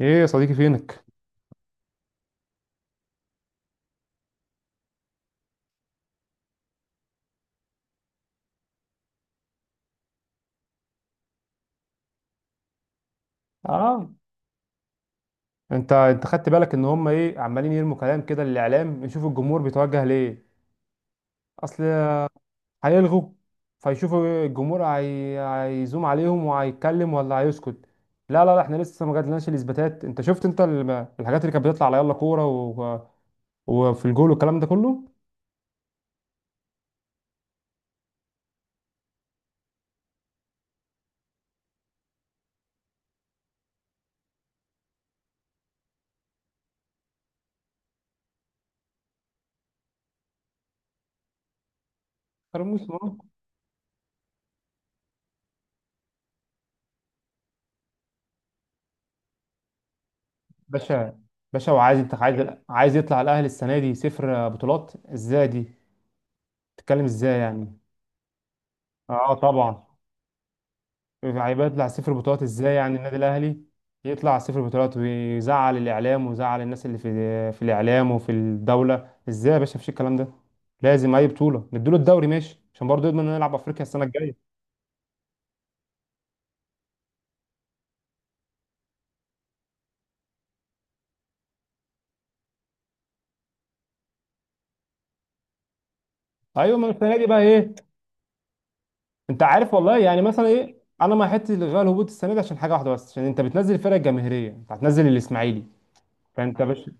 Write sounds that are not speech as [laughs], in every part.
ايه يا صديقي، فينك؟ اه، انت خدت بالك ان هم ايه عمالين يرموا كلام كده للاعلام، نشوف الجمهور بيتوجه ليه؟ اصل هيلغوا، فيشوفوا الجمهور هيزوم عليهم وهيتكلم ولا هيسكت. لا لا لا، احنا لسه ما جاتلناش الاثباتات. انت شفت الحاجات اللي كانت بتطلع على يلا كوره وفي الجول والكلام ده كله. مرموش مرموش. باشا، باشا، وعايز، انت عايز يطلع الاهلي السنه دي صفر بطولات؟ ازاي دي؟ تتكلم ازاي يعني؟ اه طبعا، لعيبه يطلع صفر بطولات ازاي يعني النادي الاهلي؟ يطلع صفر بطولات ويزعل الاعلام ويزعل الناس اللي في الاعلام وفي الدوله ازاي يا باشا؟ مفيش الكلام ده. لازم اي بطوله، نديله الدوري ماشي، عشان برضه يضمن انه يلعب افريقيا السنه الجايه. ايوه، ما السنه دي بقى ايه. انت عارف والله، يعني مثلا ايه، انا ما حته الغاء الهبوط السنه دي عشان حاجه واحده بس، عشان انت بتنزل الفرق الجماهيريه، انت هتنزل الاسماعيلي. فانت يا باشا،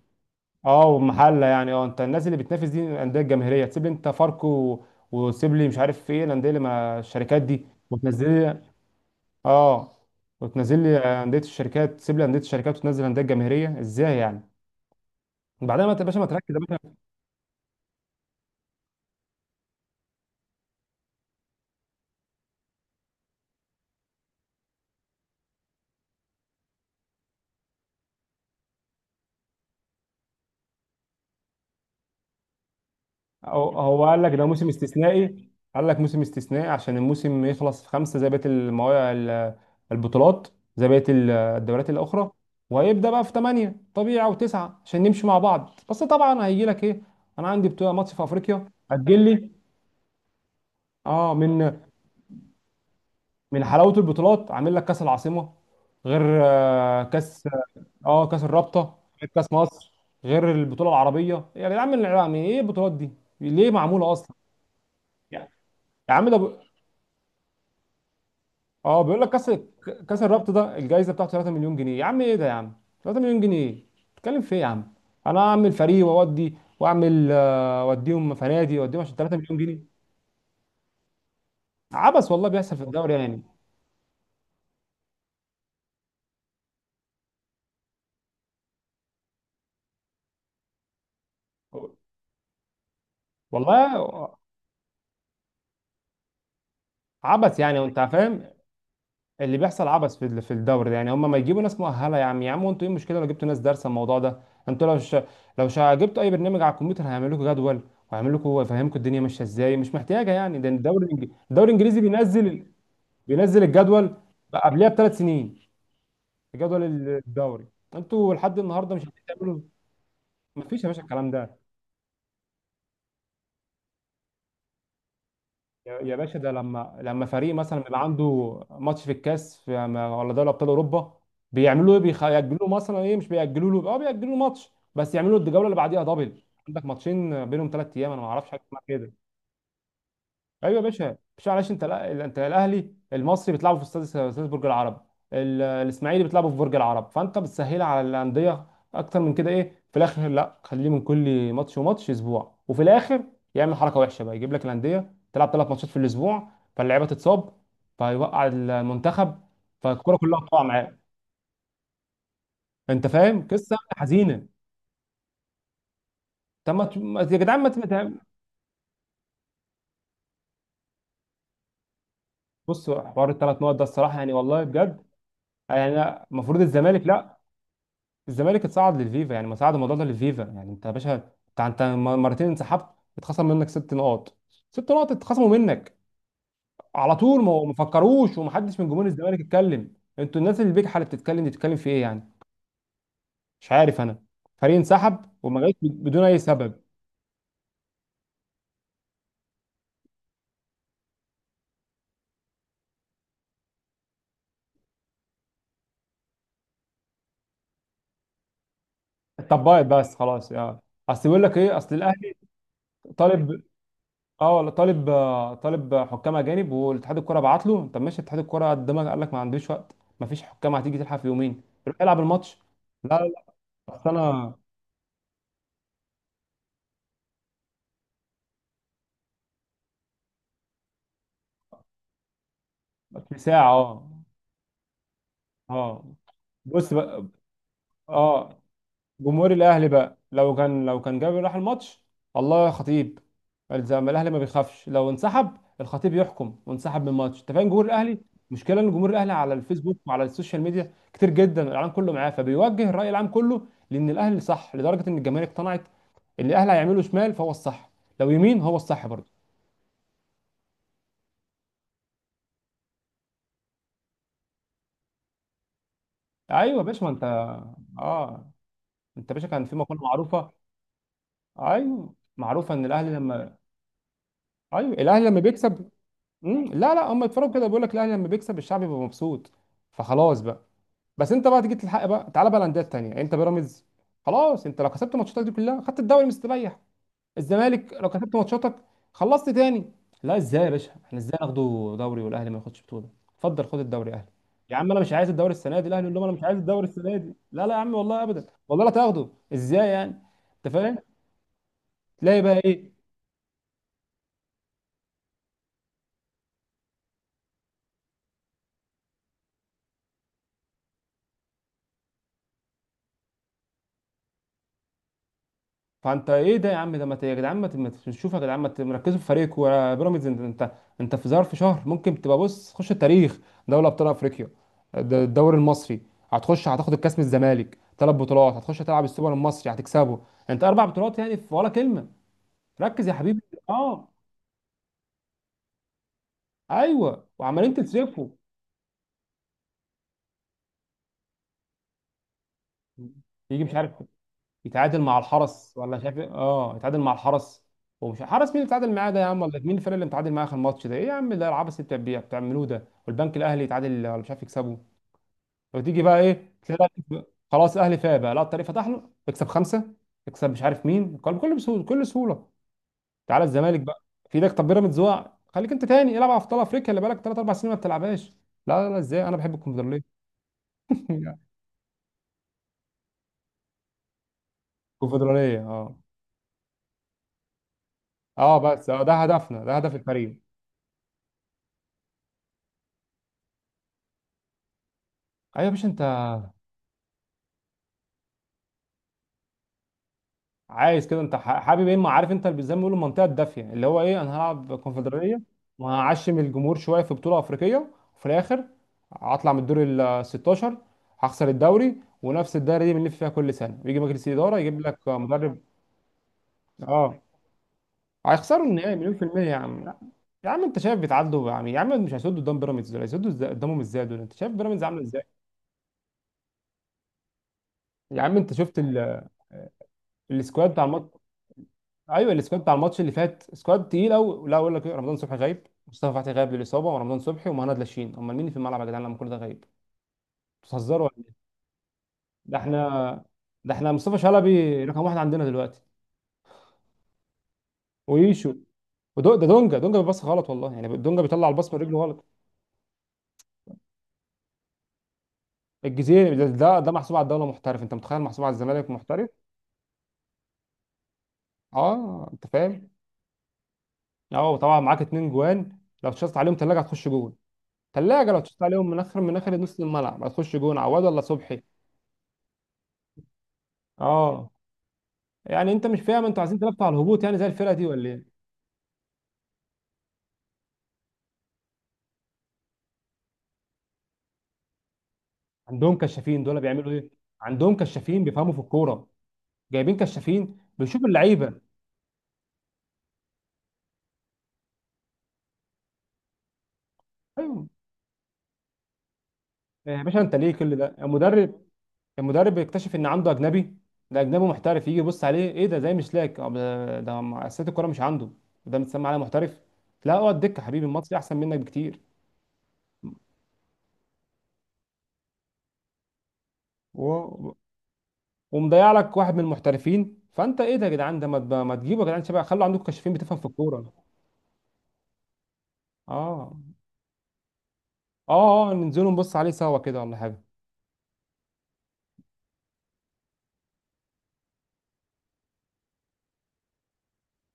اه ومحله يعني، انت الناس اللي بتنافس دي الانديه الجماهيريه تسيب لي، انت فاركو وتسيب لي مش عارف ايه الانديه اللي مع الشركات دي، وتنزل لي. اه، وتنزل لي انديه الشركات، تسيب لي انديه الشركات وتنزل الانديه الجماهيريه ازاي يعني؟ بعدين ما تبقاش، ما تركز. هو قال لك ده موسم استثنائي. قال لك موسم استثنائي عشان الموسم يخلص في خمسة زي بقية المواقع، البطولات، زي بقية الدوريات الأخرى. وهيبدأ بقى في ثمانية طبيعي أو تسعة عشان نمشي مع بعض. بس طبعا هيجي لك إيه، أنا عندي بطولة ماتش في أفريقيا، أجل لي. أه، من من حلاوة البطولات عامل لك كأس العاصمة، غير كأس. أه، كأس الرابطة، غير كأس مصر، غير البطولة العربية. يعني يا عم، يعني إيه البطولات دي؟ ليه معمولة أصلا؟ يا عم ده، اه بيقول لك كاس، كاس الرابط ده الجايزه بتاعته 3 مليون جنيه. يا عم، ايه ده يا عم؟ 3 مليون جنيه، بتتكلم في ايه يا عم؟ انا اعمل فريق واودي واعمل، اوديهم فنادي واوديهم عشان 3 مليون جنيه؟ عبث والله، بيحصل في الدوري يعني. والله، عبث يعني، وانت فاهم. اللي بيحصل عبث في في الدوري ده يعني. هم ما يجيبوا ناس مؤهله يا عم، يا عم انتوا ايه المشكله لو جبتوا ناس دارسه الموضوع ده؟ انتوا لو ش... جبتوا اي برنامج على الكمبيوتر هيعمل لكم جدول، وهيعمل لكم، يفهمكم الدنيا ماشيه ازاي، مش محتاجه. يعني ده الدوري الدوري الانجليزي بينزل، بينزل الجدول بقى قبلها بثلاث سنين، الجدول، الدوري. انتوا لحد النهارده مش قادرين تعملوا. مفيش يا باشا الكلام ده. يا باشا، ده لما فريق مثلا بيبقى عنده ماتش في الكاس، في ولا دوري ابطال اوروبا، بيعملوا ايه؟ بيأجلوه مثلا، ايه مش بيأجلوا له، اه بيأجلوا له ماتش بس، يعملوا الجوله اللي بعديها دبل. عندك ماتشين بينهم ثلاث ايام. انا ما اعرفش حاجه اسمها كده. ايوه يا باشا، مش معلش، انت لا انت الاهلي المصري بتلعبوا في استاد، استاد برج العرب، الاسماعيلي بتلعبوا في برج العرب، فانت بتسهلها على الانديه. اكتر من كده ايه؟ في الاخر لا، خليه من كل ماتش وماتش اسبوع، وفي الاخر يعمل حركه وحشه بقى، يجيب لك الانديه تلعب ثلاث ماتشات في الاسبوع، فاللعيبه تتصاب، فيوقع المنتخب، فالكره كلها تقع معاه. انت فاهم، قصه حزينه. طب ما ت-، ما-، يا جدعان، ما ت-، ما ت-، بصوا، حوار الثلاث نقط ده الصراحه يعني والله بجد. يعني المفروض الزمالك، لا الزمالك، اتصعد للفيفا يعني، ما صعد الموضوع ده للفيفا يعني. انت يا باشا، انت مرتين انسحبت، اتخصم منك ست نقاط، ست نقط اتخصموا منك على طول، ما فكروش ومحدش من جمهور الزمالك اتكلم. انتوا الناس اللي بيجحة اللي بتتكلم دي، بتتكلم في ايه يعني؟ مش عارف انا. فريق انسحب وما جاش بدون اي سبب. اتطبقت بس خلاص، اه. اصل بيقول لك ايه، اصل الاهلي طالب، اه، ولا طالب، طالب حكام اجانب، والاتحاد الكوره بعت له، طب ماشي، اتحاد الكوره قدمك قال لك ما عنديش وقت، ما فيش حكام، هتيجي تلحق في يومين، روح العب الماتش. لا، اصل انا في ساعه، اه، اه بص بقى، اه جمهور الاهلي بقى لو كان جاب، راح الماتش، الله يا خطيب، الزم الاهلي ما بيخافش. لو انسحب الخطيب يحكم وانسحب من الماتش، انت فاهم جمهور الاهلي. مشكله ان جمهور الاهلي على الفيسبوك وعلى السوشيال ميديا كتير جدا، العالم كله معاه، فبيوجه الراي العام كله لان الاهلي صح، لدرجه ان الجماهير اقتنعت ان الاهلي هيعمله شمال فهو الصح، لو يمين هو الصح برضه. ايوه يا باشا، ما انت، اه، انت يا باشا، كان في مقوله معروفه، ايوه معروفه، ان الاهلي لما، ايوه الاهلي لما بيكسب، مم. لا لا، هم اتفرجوا كده، بيقول لك الاهلي لما بيكسب الشعب بيبقى مبسوط. فخلاص بقى. بس انت بقى تيجي تلحق بقى، تعالى بقى، الانديه التانيه، انت بيراميدز، خلاص، انت لو كسبت ماتشاتك دي كلها خدت الدوري، مستريح. الزمالك لو كسبت ماتشاتك، خلصت تاني. لا، ازاي يا باشا احنا، ازاي ناخده دوري والاهلي ما ياخدش بطوله؟ اتفضل خد الدوري يا اهلي. يا عم، انا مش عايز الدوري السنه دي، الاهلي يقول لهم انا مش عايز الدوري السنه دي لا لا، يا عم والله ابدا، والله لا تاخده. ازاي يعني؟ انت فاهم، تلاقي بقى ايه، فانت ايه ده يا عم؟ ده ما ت-، يا جدعان ما ت-، ما تشوف يا جدعان، ما تركزوا في فريقكم، ولا بيراميدز انت، انت في ظرف شهر ممكن تبقى، بص، تخش التاريخ. دوري ابطال افريقيا، الدوري المصري، هتخش، هتاخد الكاس من الزمالك ثلاث بطولات، هتخش تلعب السوبر المصري هتكسبه. انت اربع بطولات، يعني في ولا كلمه؟ ركز يا حبيبي. اه، ايوه وعمالين تصرفوا، يجي مش عارف يتعادل مع الحرس، ولا مش عارف إيه. اه، يتعادل مع الحرس، ومش حرس، مين اللي اتعادل معاه ده يا عم؟ ولا مين الفريق اللي متعادل معاه اخر ماتش ده ايه يا عم؟ ده العبث اللي بتعملوه ده، والبنك الاهلي يتعادل، ولا مش عارف يكسبه، وتيجي بقى ايه، خلاص الاهلي فاق بقى، لا الطريق فتح له، يكسب خمسه، يكسب مش عارف مين، كل بسهوله، كل سهوله. تعالى الزمالك بقى، في ايدك، طب بيراميدز وقع، خليك انت تاني، العب ابطال افريقيا اللي بقالك ثلاث اربع سنين ما بتلعبهاش. لا لا ازاي، انا بحب الكونفدراليه. [laughs] الكونفدراليه، اه، اه بس، ده هدفنا، ده هدف الفريق. ايوه يا باشا، انت عايز كده، انت حابب ايه؟ ما عارف، انت اللي زي ما بيقولوا المنطقه الدافيه، اللي هو ايه انا هلعب كونفدراليه وهعشم الجمهور شويه في بطوله افريقيه، وفي الاخر هطلع من الدور ال 16، هخسر الدوري، ونفس الدايره دي بنلف فيها كل سنه، ويجي مجلس الاداره يجيب لك مدرب. اه، هيخسروا النهائي مليون في الميه يا عم، لا. يا عم انت شايف، بيتعدوا يا عم، يا عم مش هيسدوا قدام بيراميدز دول، هيسدوا إزاي، قدامهم ازاي دول؟ انت شايف بيراميدز عامله ازاي؟ يا عم انت شفت السكواد بتاع الماتش، ايوه السكواد بتاع الماتش اللي فات، سكواد تقيل قوي، لا اقول لك إيه، رمضان صبحي غايب، مصطفى فتحي غايب للاصابه، ورمضان صبحي ومهند لاشين، امال مين اللي في الملعب يا جدعان لما كل ده غايب؟ بتهزروا ولا ايه؟ ده احنا، ده احنا مصطفى شلبي رقم واحد عندنا دلوقتي، ويشو، ودو، ده دونجا، دونجا بيبص غلط والله، يعني دونجا بيطلع الباص من رجله غلط. الجزيري ده ده محسوب على الدوله محترف، انت متخيل؟ محسوب على الزمالك محترف. اه، انت فاهم، اه وطبعا معاك اتنين جوان، لو تشطت عليهم ثلاجه هتخش جون، ثلاجه لو تشطت عليهم من اخر، نص الملعب هتخش جون عواد ولا صبحي. اه يعني، انت مش فاهم، انتوا عايزين تلعبوا على الهبوط يعني زي الفرقه دي ولا ايه؟ عندهم كشافين دول بيعملوا ايه؟ عندهم كشافين بيفهموا في الكوره، جايبين كشافين بيشوف اللعيبه. ايوه، يا باشا انت ليه كل ده؟ المدرب، المدرب بيكتشف ان عنده اجنبي، ده اجنبي محترف، يجي يبص عليه ايه ده زي مشلاك، ده اساسات الكوره مش عنده، ده متسمى عليه محترف. لا، اقعد دكه، حبيبي المصري احسن منك بكتير. و...، ومضيع لك واحد من المحترفين، فانت ايه ده يا جدعان؟ ده ما تب-، ما تجيبوا يا جدعان شباب، خلوا عندكم كشافين بتفهم في الكوره. اه، اه، اه، ننزلوا نبص عليه سوا كده ولا حاجة؟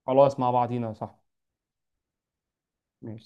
خلاص مع بعضينا، صح؟ ماشي.